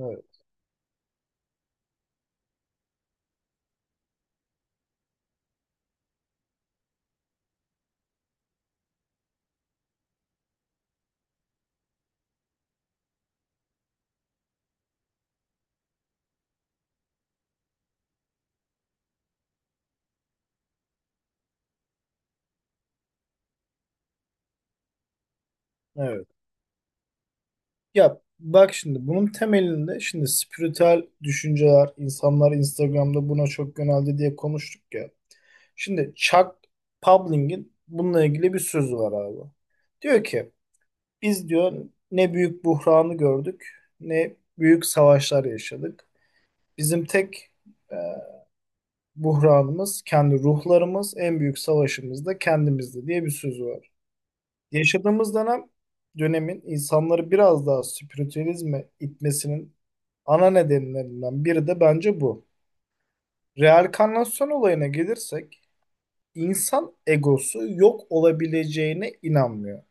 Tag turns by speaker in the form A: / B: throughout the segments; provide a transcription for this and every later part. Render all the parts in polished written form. A: Evet, evet. Ya bak şimdi bunun temelinde şimdi spiritüel düşünceler, insanlar Instagram'da buna çok yöneldi diye konuştuk ya. Şimdi Chuck Pabling'in bununla ilgili bir sözü var abi. Diyor ki biz diyor ne büyük buhranı gördük ne büyük savaşlar yaşadık. Bizim tek e, buhranımız kendi ruhlarımız, en büyük savaşımız da kendimizdi diye bir sözü var. Yaşadığımız dönem dönemin insanları biraz daha spiritüalizme itmesinin ana nedenlerinden biri de bence bu. Reenkarnasyon olayına gelirsek insan egosu yok olabileceğine inanmıyor.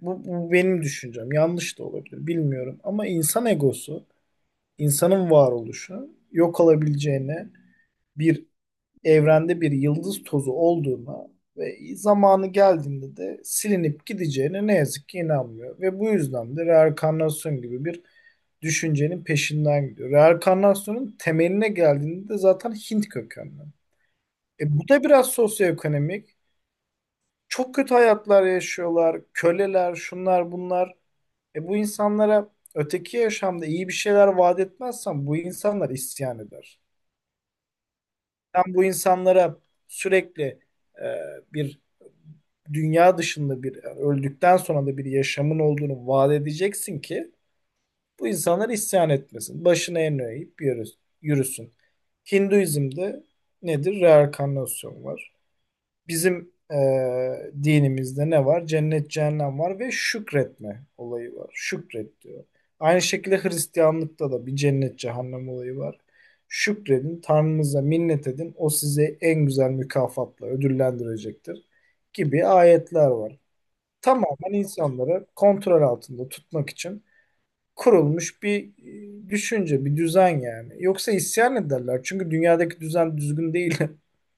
A: Bu benim düşüncem. Yanlış da olabilir bilmiyorum ama insan egosu, insanın varoluşu yok olabileceğine bir evrende bir yıldız tozu olduğuna ve zamanı geldiğinde de silinip gideceğine ne yazık ki inanmıyor. Ve bu yüzden de reenkarnasyon gibi bir düşüncenin peşinden gidiyor. Reenkarnasyonun temeline geldiğinde de zaten Hint kökenli. E bu da biraz sosyoekonomik. Çok kötü hayatlar yaşıyorlar, köleler, şunlar bunlar. E bu insanlara öteki yaşamda iyi bir şeyler vaat etmezsen bu insanlar isyan eder. Sen bu insanlara sürekli e, bir dünya dışında bir yani öldükten sonra da bir yaşamın olduğunu vaat edeceksin ki bu insanlar isyan etmesin. Başına en eğip yürüsün. Hinduizm'de nedir? Reenkarnasyon var. Bizim dinimizde ne var? Cennet, cehennem var ve şükretme olayı var. Şükret diyor. Aynı şekilde Hristiyanlıkta da bir cennet, cehennem olayı var. Şükredin, Tanrınıza minnet edin. O sizi en güzel mükafatla ödüllendirecektir gibi ayetler var. Tamamen insanları kontrol altında tutmak için kurulmuş bir düşünce, bir düzen yani. Yoksa isyan ederler. Çünkü dünyadaki düzen düzgün değil.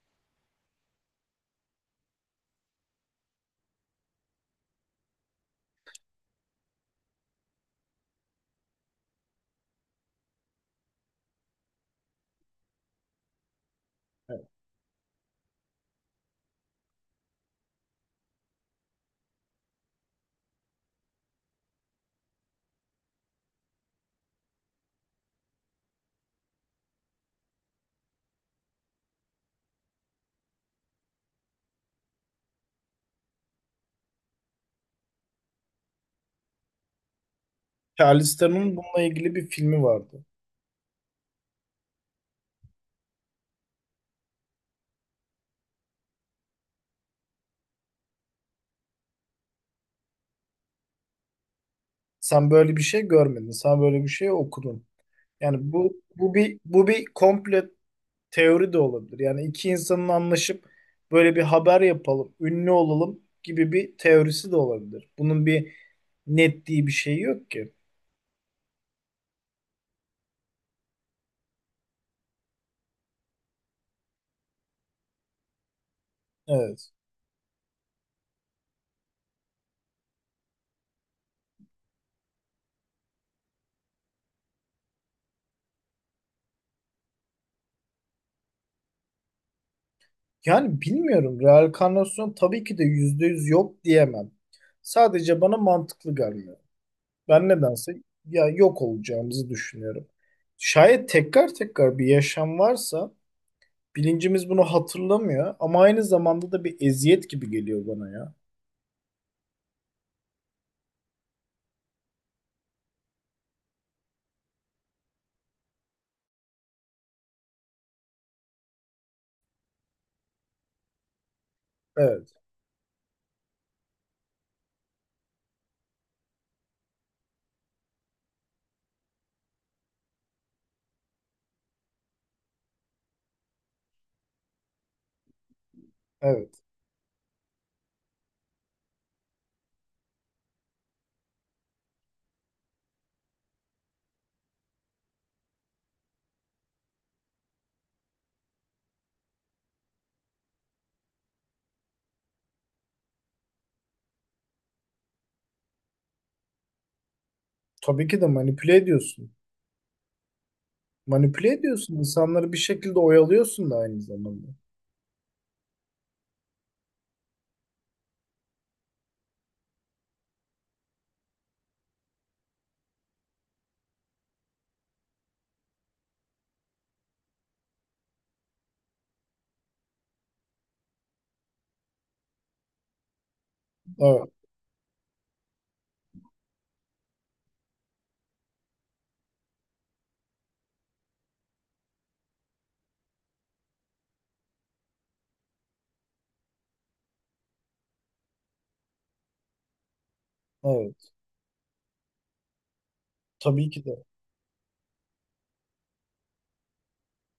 A: Charles Theron'un bununla ilgili bir filmi vardı. Sen böyle bir şey görmedin. Sen böyle bir şey okudun. Yani bu bir komple teori de olabilir. Yani iki insanın anlaşıp böyle bir haber yapalım, ünlü olalım gibi bir teorisi de olabilir. Bunun bir netliği bir şey yok ki. Evet. Yani bilmiyorum. Reenkarnasyon tabii ki de %100 yok diyemem. Sadece bana mantıklı gelmiyor. Ben nedense ya yok olacağımızı düşünüyorum. Şayet tekrar tekrar bir yaşam varsa bilincimiz bunu hatırlamıyor ama aynı zamanda da bir eziyet gibi geliyor bana ya. Evet, evet. Tabii ki de manipüle ediyorsun. Manipüle ediyorsun. İnsanları bir şekilde oyalıyorsun da aynı zamanda. Evet, evet. Tabii ki de.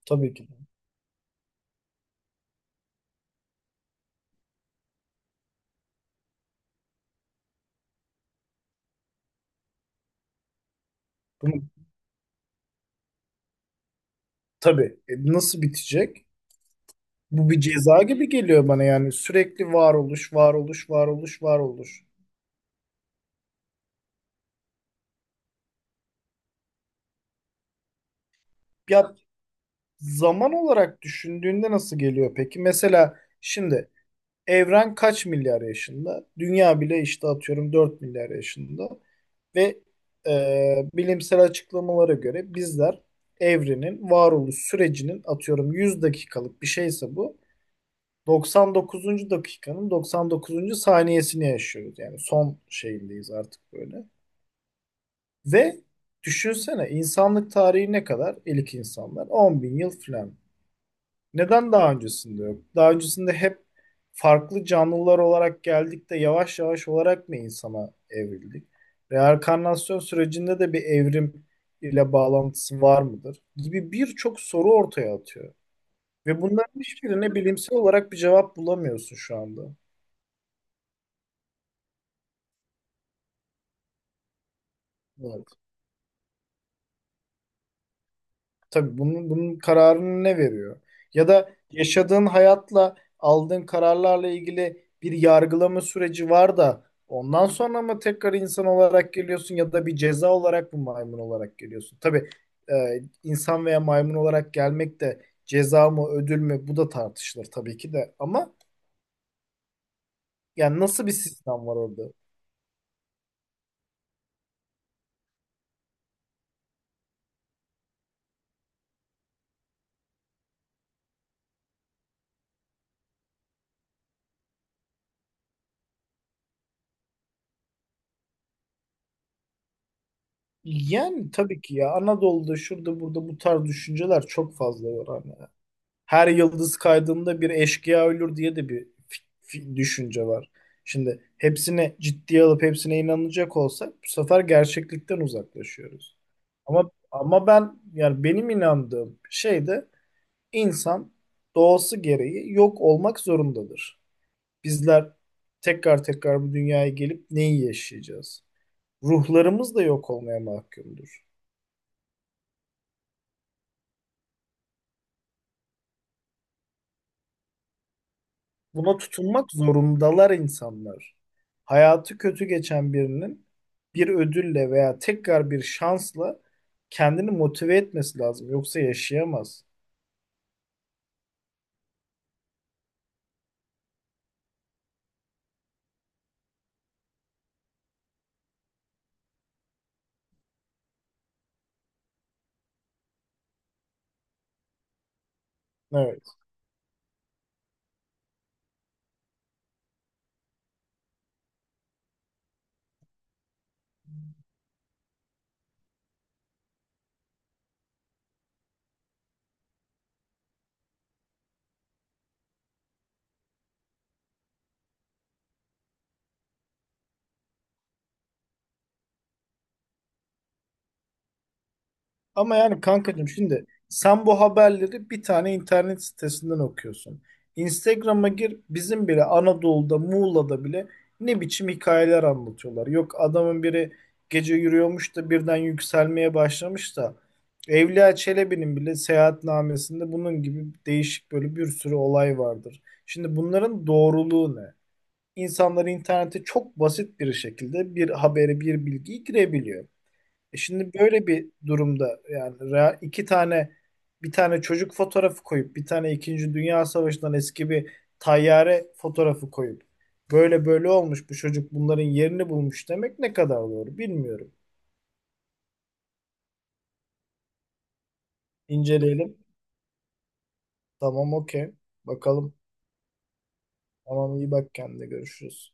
A: Tabii ki de. Bunu, tabii. E, nasıl bitecek? Bu bir ceza gibi geliyor bana yani sürekli varoluş, varoluş, varoluş, varoluş. Ya zaman olarak düşündüğünde nasıl geliyor peki? Mesela şimdi evren kaç milyar yaşında? Dünya bile işte atıyorum 4 milyar yaşında. Ve bilimsel açıklamalara göre bizler evrenin varoluş sürecinin atıyorum 100 dakikalık bir şeyse bu 99. dakikanın 99. saniyesini yaşıyoruz. Yani son şeyindeyiz artık böyle. Ve düşünsene insanlık tarihi ne kadar? İlk insanlar 10 bin yıl falan. Neden daha öncesinde yok? Daha öncesinde hep farklı canlılar olarak geldik de yavaş yavaş olarak mı insana evrildik? Reenkarnasyon sürecinde de bir evrim ile bağlantısı var mıdır? Gibi birçok soru ortaya atıyor. Ve bunların hiçbirine bilimsel olarak bir cevap bulamıyorsun şu anda. Evet. Tabii bunun kararını ne veriyor? Ya da yaşadığın hayatla aldığın kararlarla ilgili bir yargılama süreci var da ondan sonra mı tekrar insan olarak geliyorsun ya da bir ceza olarak mı maymun olarak geliyorsun? Tabii e, insan veya maymun olarak gelmek de ceza mı ödül mü bu da tartışılır tabii ki de ama yani nasıl bir sistem var orada? Yani tabii ki ya Anadolu'da şurada burada bu tarz düşünceler çok fazla var. Hani. Her yıldız kaydığında bir eşkıya ölür diye de bir düşünce var. Şimdi hepsini ciddiye alıp hepsine inanacak olsak bu sefer gerçeklikten uzaklaşıyoruz. Ama ben yani benim inandığım şey de insan doğası gereği yok olmak zorundadır. Bizler tekrar tekrar bu dünyaya gelip neyi yaşayacağız? Ruhlarımız da yok olmaya mahkumdur. Buna tutunmak zorundalar insanlar. Hayatı kötü geçen birinin bir ödülle veya tekrar bir şansla kendini motive etmesi lazım. Yoksa yaşayamaz. Evet. Ama yani kankacığım şimdi sen bu haberleri bir tane internet sitesinden okuyorsun. Instagram'a gir bizim bile Anadolu'da Muğla'da bile ne biçim hikayeler anlatıyorlar. Yok adamın biri gece yürüyormuş da birden yükselmeye başlamış da Evliya Çelebi'nin bile seyahatnamesinde bunun gibi değişik böyle bir sürü olay vardır. Şimdi bunların doğruluğu ne? İnsanlar internete çok basit bir şekilde bir haberi, bir bilgiyi girebiliyor. E şimdi böyle bir durumda yani iki tane bir tane çocuk fotoğrafı koyup bir tane İkinci Dünya Savaşı'ndan eski bir tayyare fotoğrafı koyup böyle böyle olmuş bu çocuk bunların yerini bulmuş demek ne kadar doğru bilmiyorum. İnceleyelim. Tamam okey. Bakalım. Tamam iyi bak kendine görüşürüz.